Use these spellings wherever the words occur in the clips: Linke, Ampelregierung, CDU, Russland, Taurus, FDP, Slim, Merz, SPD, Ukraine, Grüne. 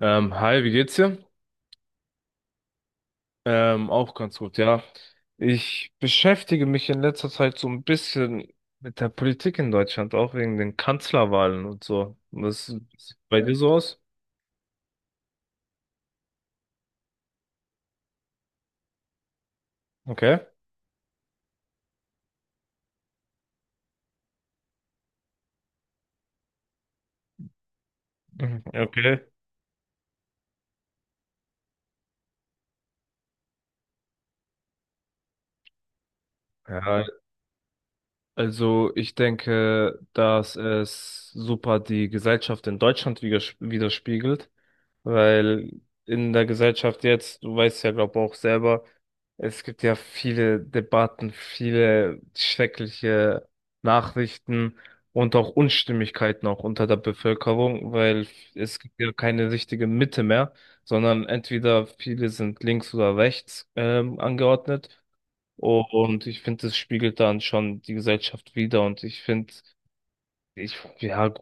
Hi, wie geht's dir? Auch ganz gut, ja. Ich beschäftige mich in letzter Zeit so ein bisschen mit der Politik in Deutschland, auch wegen den Kanzlerwahlen und so. Was sieht bei dir so aus? Okay. Mhm, okay. Ja, also ich denke, dass es super die Gesellschaft in Deutschland widerspiegelt. Weil in der Gesellschaft jetzt, du weißt ja, glaube auch selber, es gibt ja viele Debatten, viele schreckliche Nachrichten und auch Unstimmigkeiten auch unter der Bevölkerung, weil es gibt ja keine richtige Mitte mehr, sondern entweder viele sind links oder rechts angeordnet. Und ich finde, das spiegelt dann schon die Gesellschaft wider. Und ich finde, ja,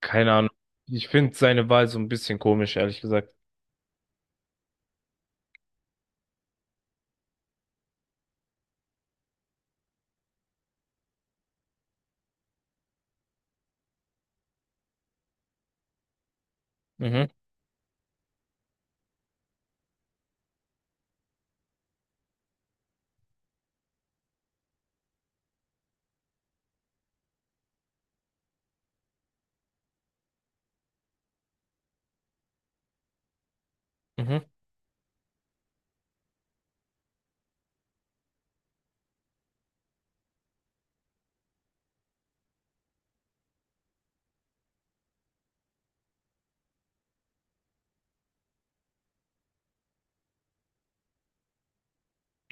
keine Ahnung, ich finde seine Wahl so ein bisschen komisch, ehrlich gesagt. Mhm. Mhm.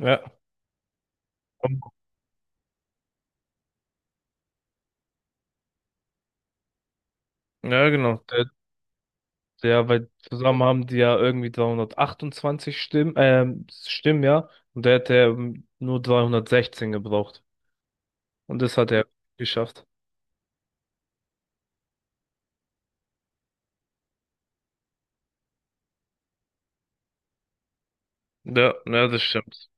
Ja. Ja, genau. Weil zusammen haben die ja irgendwie 328 Stimmen, ja. Und der hätte nur 316 gebraucht. Und das hat er geschafft. Ja, ja, das stimmt.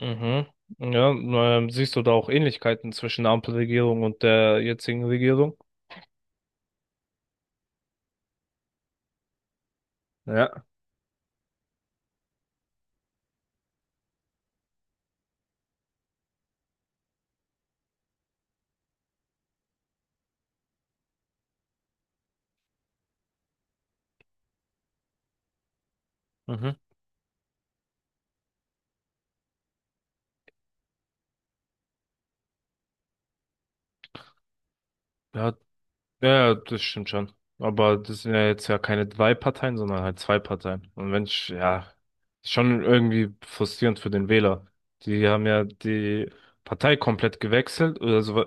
Mhm. Ja, siehst du da auch Ähnlichkeiten zwischen der Ampelregierung und der jetzigen Regierung? Ja. Mhm. Ja, ja, ja, das stimmt schon. Aber das sind ja jetzt ja keine drei Parteien, sondern halt zwei Parteien. Und wenn ich, ja, ist schon irgendwie frustrierend für den Wähler. Die haben ja die Partei komplett gewechselt. Oder so.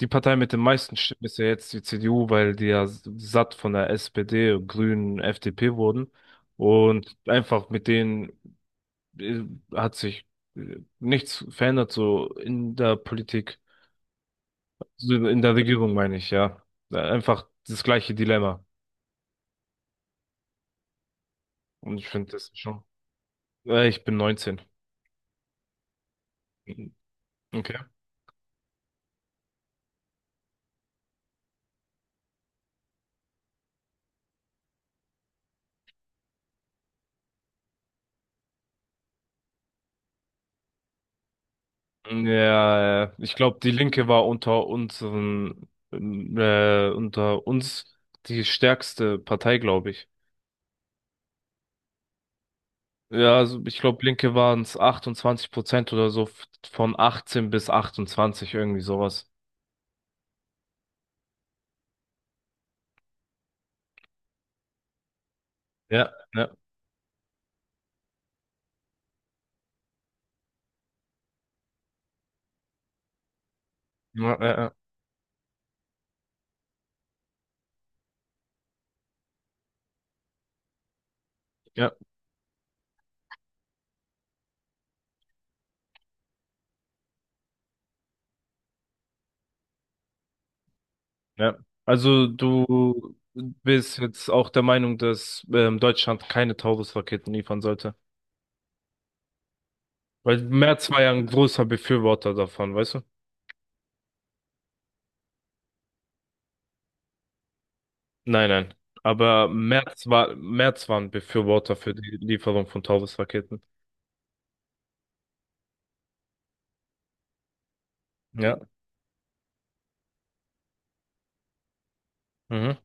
Die Partei mit den meisten Stimmen ist ja jetzt die CDU, weil die ja satt von der SPD, Grünen, FDP wurden. Und einfach mit denen äh, hat sich nichts verändert, so in der Politik, so in der Regierung meine ich, ja. Einfach das gleiche Dilemma. Und ich finde das schon. Ich bin 19. Okay. Ja, ich glaube, die Linke war unter uns die stärkste Partei, glaube ich. Ja, also ich glaube, Linke waren es 28% oder so von 18 bis 28, irgendwie sowas. Ja, ja, ja, ja, ja. Ja. Ja. Also du bist jetzt auch der Meinung, dass Deutschland keine Taurus-Raketen liefern sollte. Weil Merz war ja ein großer Befürworter davon, weißt du? Nein, nein. Aber Merz war ein Befürworter für die Lieferung von Taurus-Raketen. Ja. Mhm.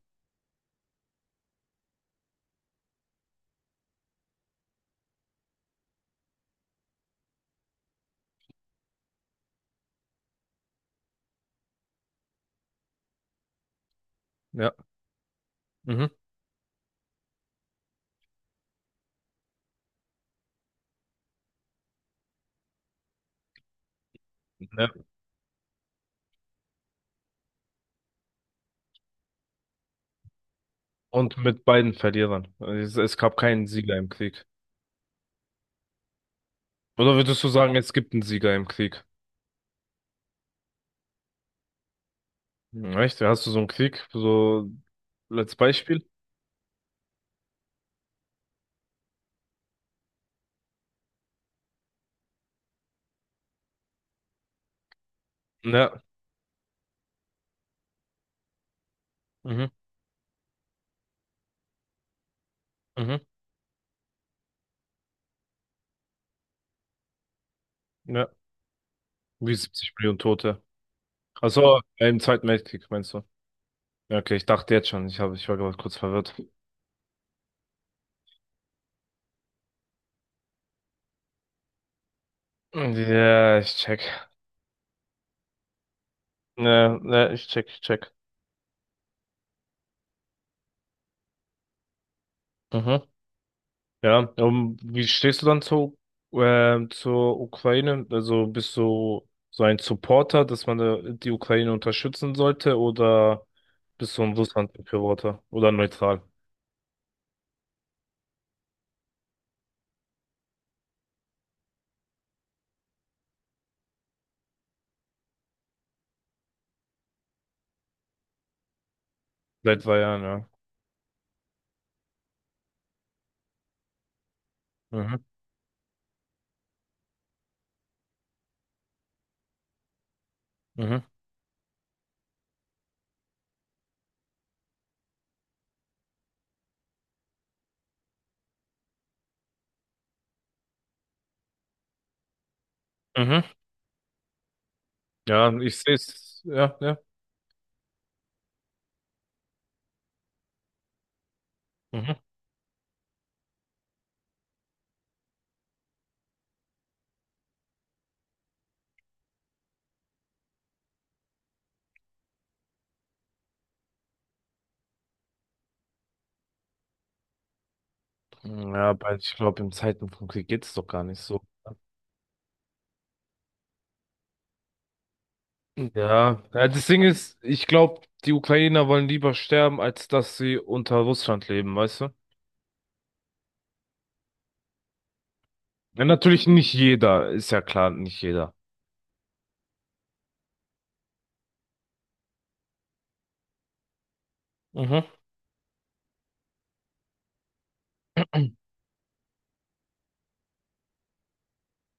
Ja. Mhm. Ja. Und mit beiden Verlierern. Es gab keinen Sieger im Krieg. Oder würdest du sagen, es gibt einen Sieger im Krieg? Hm, echt? Hast du so einen Krieg? So als Beispiel? Ja. Mhm. Mhm. Ja. Wie 70 Millionen Tote. Also im Zweiten Weltkrieg, meinst du? Ja, okay, ich dachte jetzt schon, ich war gerade kurz verwirrt. Ja, ich check. Ne, ne, ich check, ich check. Mhm. Ja, und wie stehst du dann zur Ukraine? Also bist du so ein Supporter, dass man da die Ukraine unterstützen sollte, oder bist du ein Russland-Befürworter oder neutral? Seit 2 Jahren, ja. Mhm, mhm, mhm. Ja, ich sehe es, ja, ja. Mhm. Ja, aber ich glaube, in Zeiten von Krieg geht es doch gar nicht so. Ja, ja, das Ding ist, ich glaube, die Ukrainer wollen lieber sterben, als dass sie unter Russland leben, weißt du? Ja, natürlich nicht jeder, ist ja klar, nicht jeder. Mhm.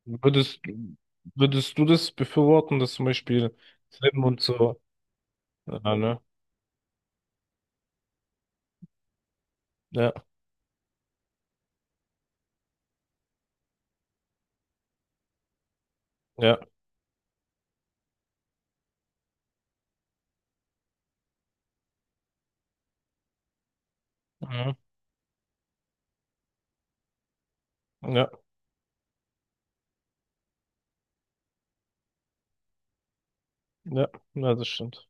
Würdest, würdest du das befürworten, dass zum Beispiel Slim und so, ja, ne? Ja, ja, mhm. Ja, ja, ja, das stimmt.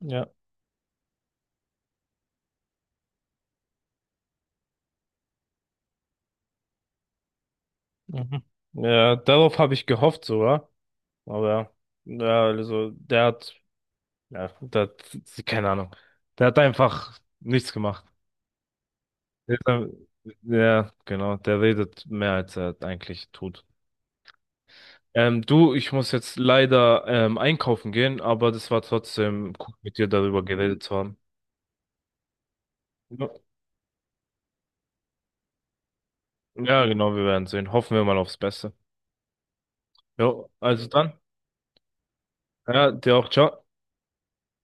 Ja, mhm. Ja, darauf habe ich gehofft sogar, aber ja, also der hat, ja, der hat, keine Ahnung, der hat einfach nichts gemacht. Der, ja, genau, der redet mehr als er eigentlich tut. Du, ich muss jetzt leider einkaufen gehen, aber das war trotzdem cool, mit dir darüber geredet zu haben. Ja, ja, genau, wir werden sehen. Hoffen wir mal aufs Beste. Jo, also dann. Ja, dir auch, ciao.